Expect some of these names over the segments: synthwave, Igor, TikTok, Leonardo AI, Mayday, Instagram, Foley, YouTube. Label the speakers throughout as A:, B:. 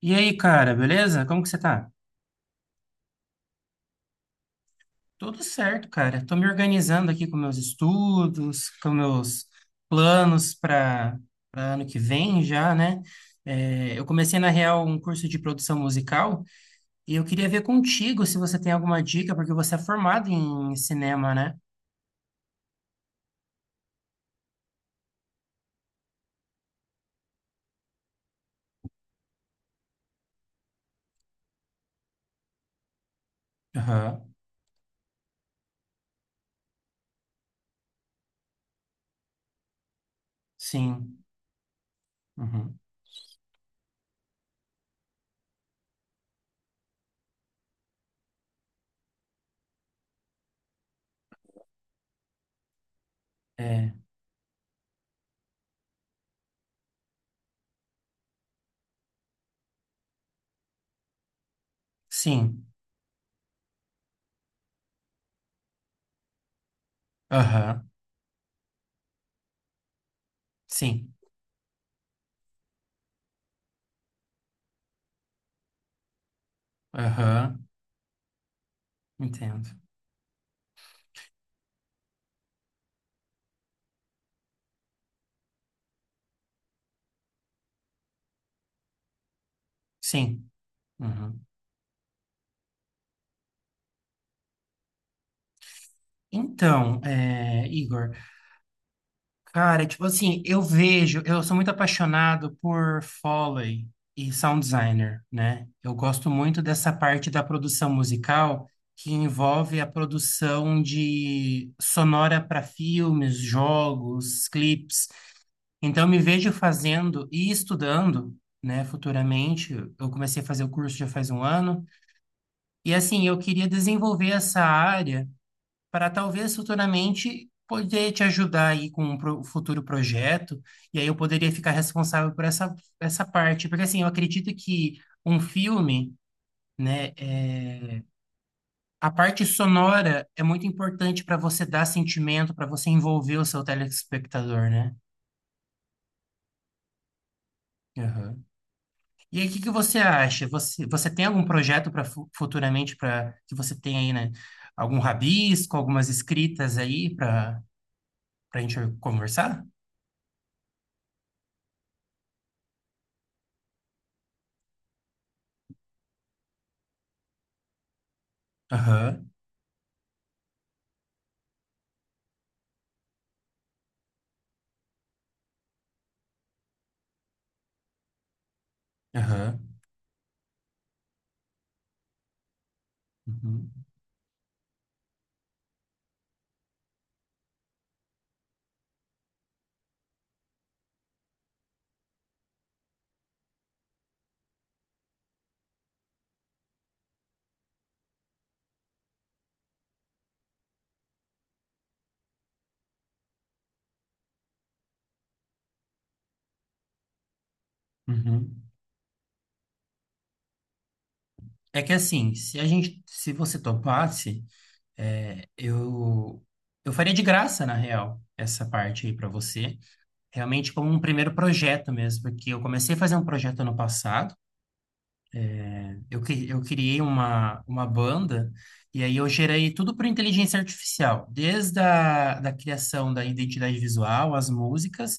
A: E aí, cara, beleza? Como que você tá? Tudo certo, cara. Tô me organizando aqui com meus estudos, com meus planos para ano que vem já, né? É, eu comecei, na real, um curso de produção musical e eu queria ver contigo se você tem alguma dica, porque você é formado em cinema, né? Aham, sim. Uhum. É, sim. Aham, sim. Aham, entendo. Sim. Uhum. Então, é, Igor. Cara, tipo assim, eu vejo, eu sou muito apaixonado por Foley e sound designer, né? Eu gosto muito dessa parte da produção musical que envolve a produção de sonora para filmes, jogos, clipes. Então, eu me vejo fazendo e estudando, né, futuramente. Eu comecei a fazer o curso já faz um ano. E assim, eu queria desenvolver essa área para talvez futuramente poder te ajudar aí com um futuro projeto, e aí eu poderia ficar responsável por essa parte, porque assim, eu acredito que um filme, né, é, a parte sonora é muito importante para você dar sentimento, para você envolver o seu telespectador, né? Aham. E aí, o que que você acha? Você tem algum projeto para futuramente para que você tenha aí, né? Algum rabisco, algumas escritas aí para a gente conversar? Aham, aham. Uhum, uhum. É que assim, se a gente, se você topasse, é, eu faria de graça, na real, essa parte aí para você, realmente como um primeiro projeto mesmo, porque eu comecei a fazer um projeto ano passado. Eu criei uma banda e aí eu gerei tudo por inteligência artificial, desde a da criação da identidade visual, as músicas,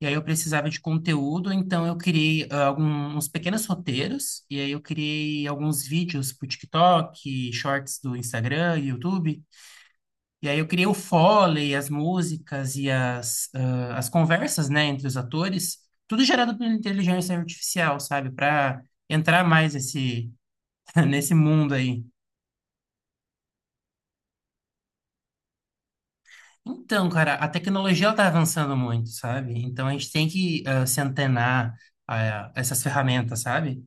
A: e aí eu precisava de conteúdo, então eu criei alguns pequenos roteiros, e aí eu criei alguns vídeos para o TikTok, shorts do Instagram, YouTube, e aí eu criei o Foley, as músicas e as conversas, né, entre os atores, tudo gerado por inteligência artificial, sabe, para entrar mais esse nesse mundo aí. Então, cara, a tecnologia está avançando muito, sabe? Então a gente tem que se antenar a essas ferramentas, sabe?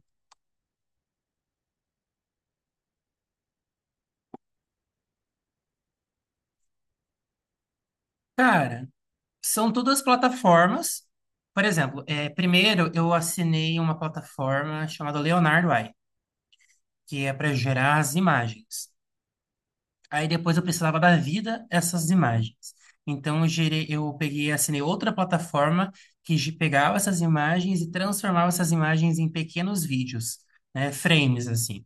A: Cara, são todas plataformas. Por exemplo, primeiro eu assinei uma plataforma chamada Leonardo AI, que é para gerar as imagens. Aí depois eu precisava dar vida a essas imagens. Então eu gerei, eu peguei, e assinei outra plataforma que pegava essas imagens e transformava essas imagens em pequenos vídeos, né, frames assim.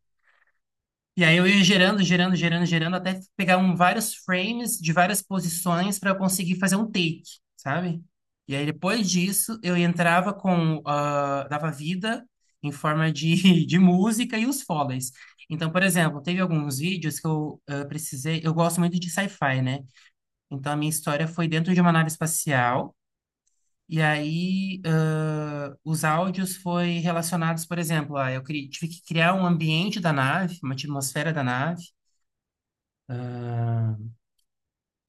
A: E aí eu ia gerando, gerando, gerando, gerando, até pegar vários frames de várias posições para eu conseguir fazer um take, sabe? E aí depois disso eu entrava dava vida em forma de, de música e os foleys. Então, por exemplo, teve alguns vídeos que eu precisei, eu gosto muito de sci-fi, né? Então a minha história foi dentro de uma nave espacial. E aí, os áudios foi relacionados, por exemplo, eu tive que criar um ambiente da nave, uma atmosfera da nave, ah,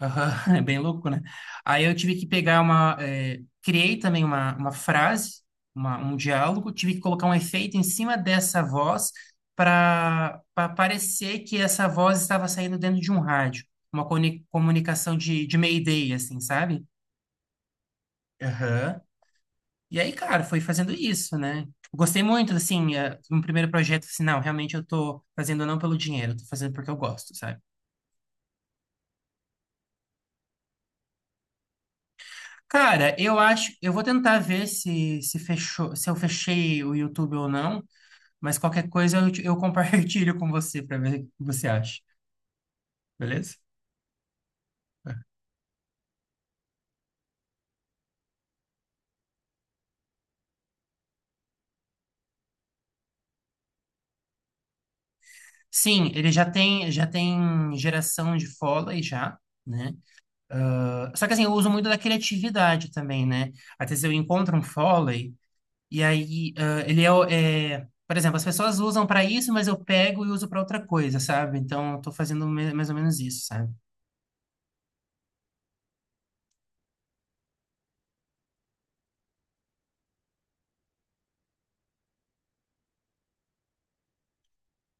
A: aham, é bem louco, né? Aí eu tive que pegar uma. Eh, criei também uma frase, um diálogo, tive que colocar um efeito em cima dessa voz para parecer que essa voz estava saindo dentro de um rádio. Uma comunicação de Mayday, assim, sabe? Aham. E aí, cara, foi fazendo isso, né? Tipo, gostei muito, assim, no primeiro projeto, assim, não, realmente eu tô fazendo não pelo dinheiro, eu tô fazendo porque eu gosto, sabe? Cara, eu acho, eu vou tentar ver se fechou, se eu fechei o YouTube ou não, mas qualquer coisa eu compartilho com você para ver o que você acha, beleza? Sim, ele já tem geração de Foley já, né? Ah, só que assim, eu uso muito da criatividade também, né? Às vezes eu encontro um Foley e aí ele é, o- é- por exemplo, as pessoas usam para isso, mas eu pego e uso para outra coisa, sabe? Então eu tô fazendo mais ou menos isso, sabe?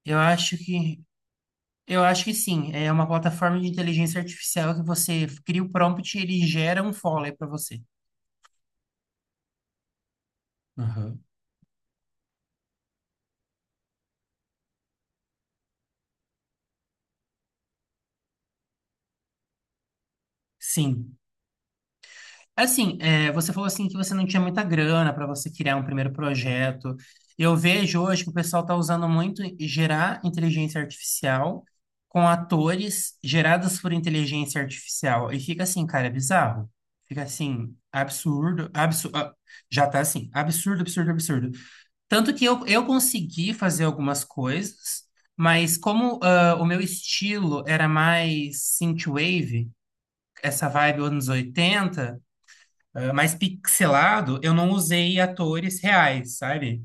A: Eu acho que Eu acho que sim. É uma plataforma de inteligência artificial que você cria o prompt e ele gera um follow para você. Aham. Sim. Assim, é, você falou assim que você não tinha muita grana para você criar um primeiro projeto. Eu vejo hoje que o pessoal está usando muito gerar inteligência artificial com atores gerados por inteligência artificial. E fica assim, cara, é bizarro. Fica assim, absurdo, absurdo. Já tá assim, absurdo, absurdo, absurdo. Tanto que eu consegui fazer algumas coisas, mas como o meu estilo era mais synthwave, essa vibe anos 80 mais pixelado, eu não usei atores reais, sabe?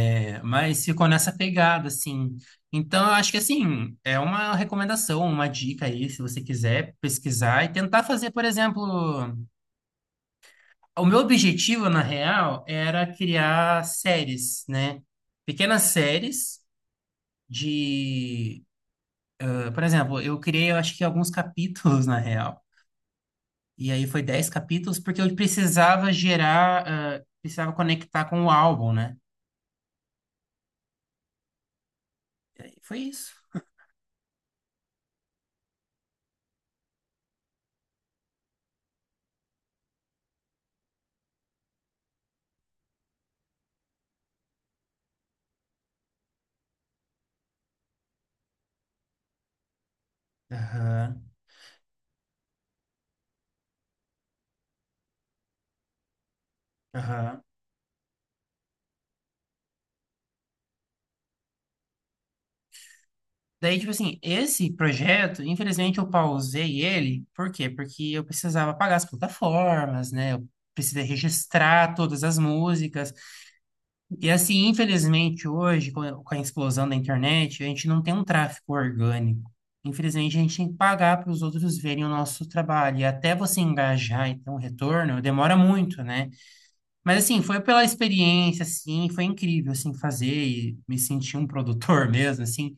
A: É, mas ficou nessa pegada, assim. Então, eu acho que, assim, é uma recomendação, uma dica aí, se você quiser pesquisar e tentar fazer, por exemplo... O meu objetivo, na real, era criar séries, né? Pequenas séries de, por exemplo, eu criei, eu acho que alguns capítulos na real. E aí foi 10 capítulos porque eu precisava gerar, precisava conectar com o álbum, né? Foi isso. Aham, aham. Daí, tipo assim, esse projeto, infelizmente eu pausei ele, por quê? Porque eu precisava pagar as plataformas, né? Eu precisei registrar todas as músicas. E assim, infelizmente, hoje, com a explosão da internet, a gente não tem um tráfego orgânico. Infelizmente, a gente tem que pagar para os outros verem o nosso trabalho. E até você engajar e ter um retorno, demora muito, né? Mas assim, foi pela experiência, assim, foi incrível, assim, fazer e me sentir um produtor mesmo, assim.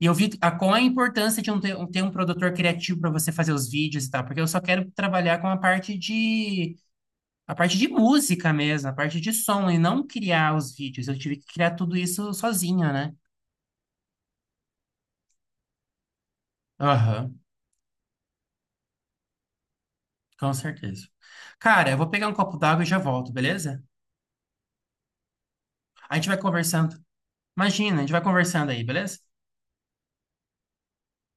A: E eu vi qual a importância de um ter um produtor criativo para você fazer os vídeos e tal, porque eu só quero trabalhar com a parte de música mesmo, a parte de som, e não criar os vídeos. Eu tive que criar tudo isso sozinho, né? Aham, com certeza. Cara, eu vou pegar um copo d'água e já volto, beleza? A gente vai conversando. Imagina, a gente vai conversando aí, beleza?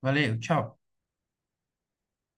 A: Valeu, tchau.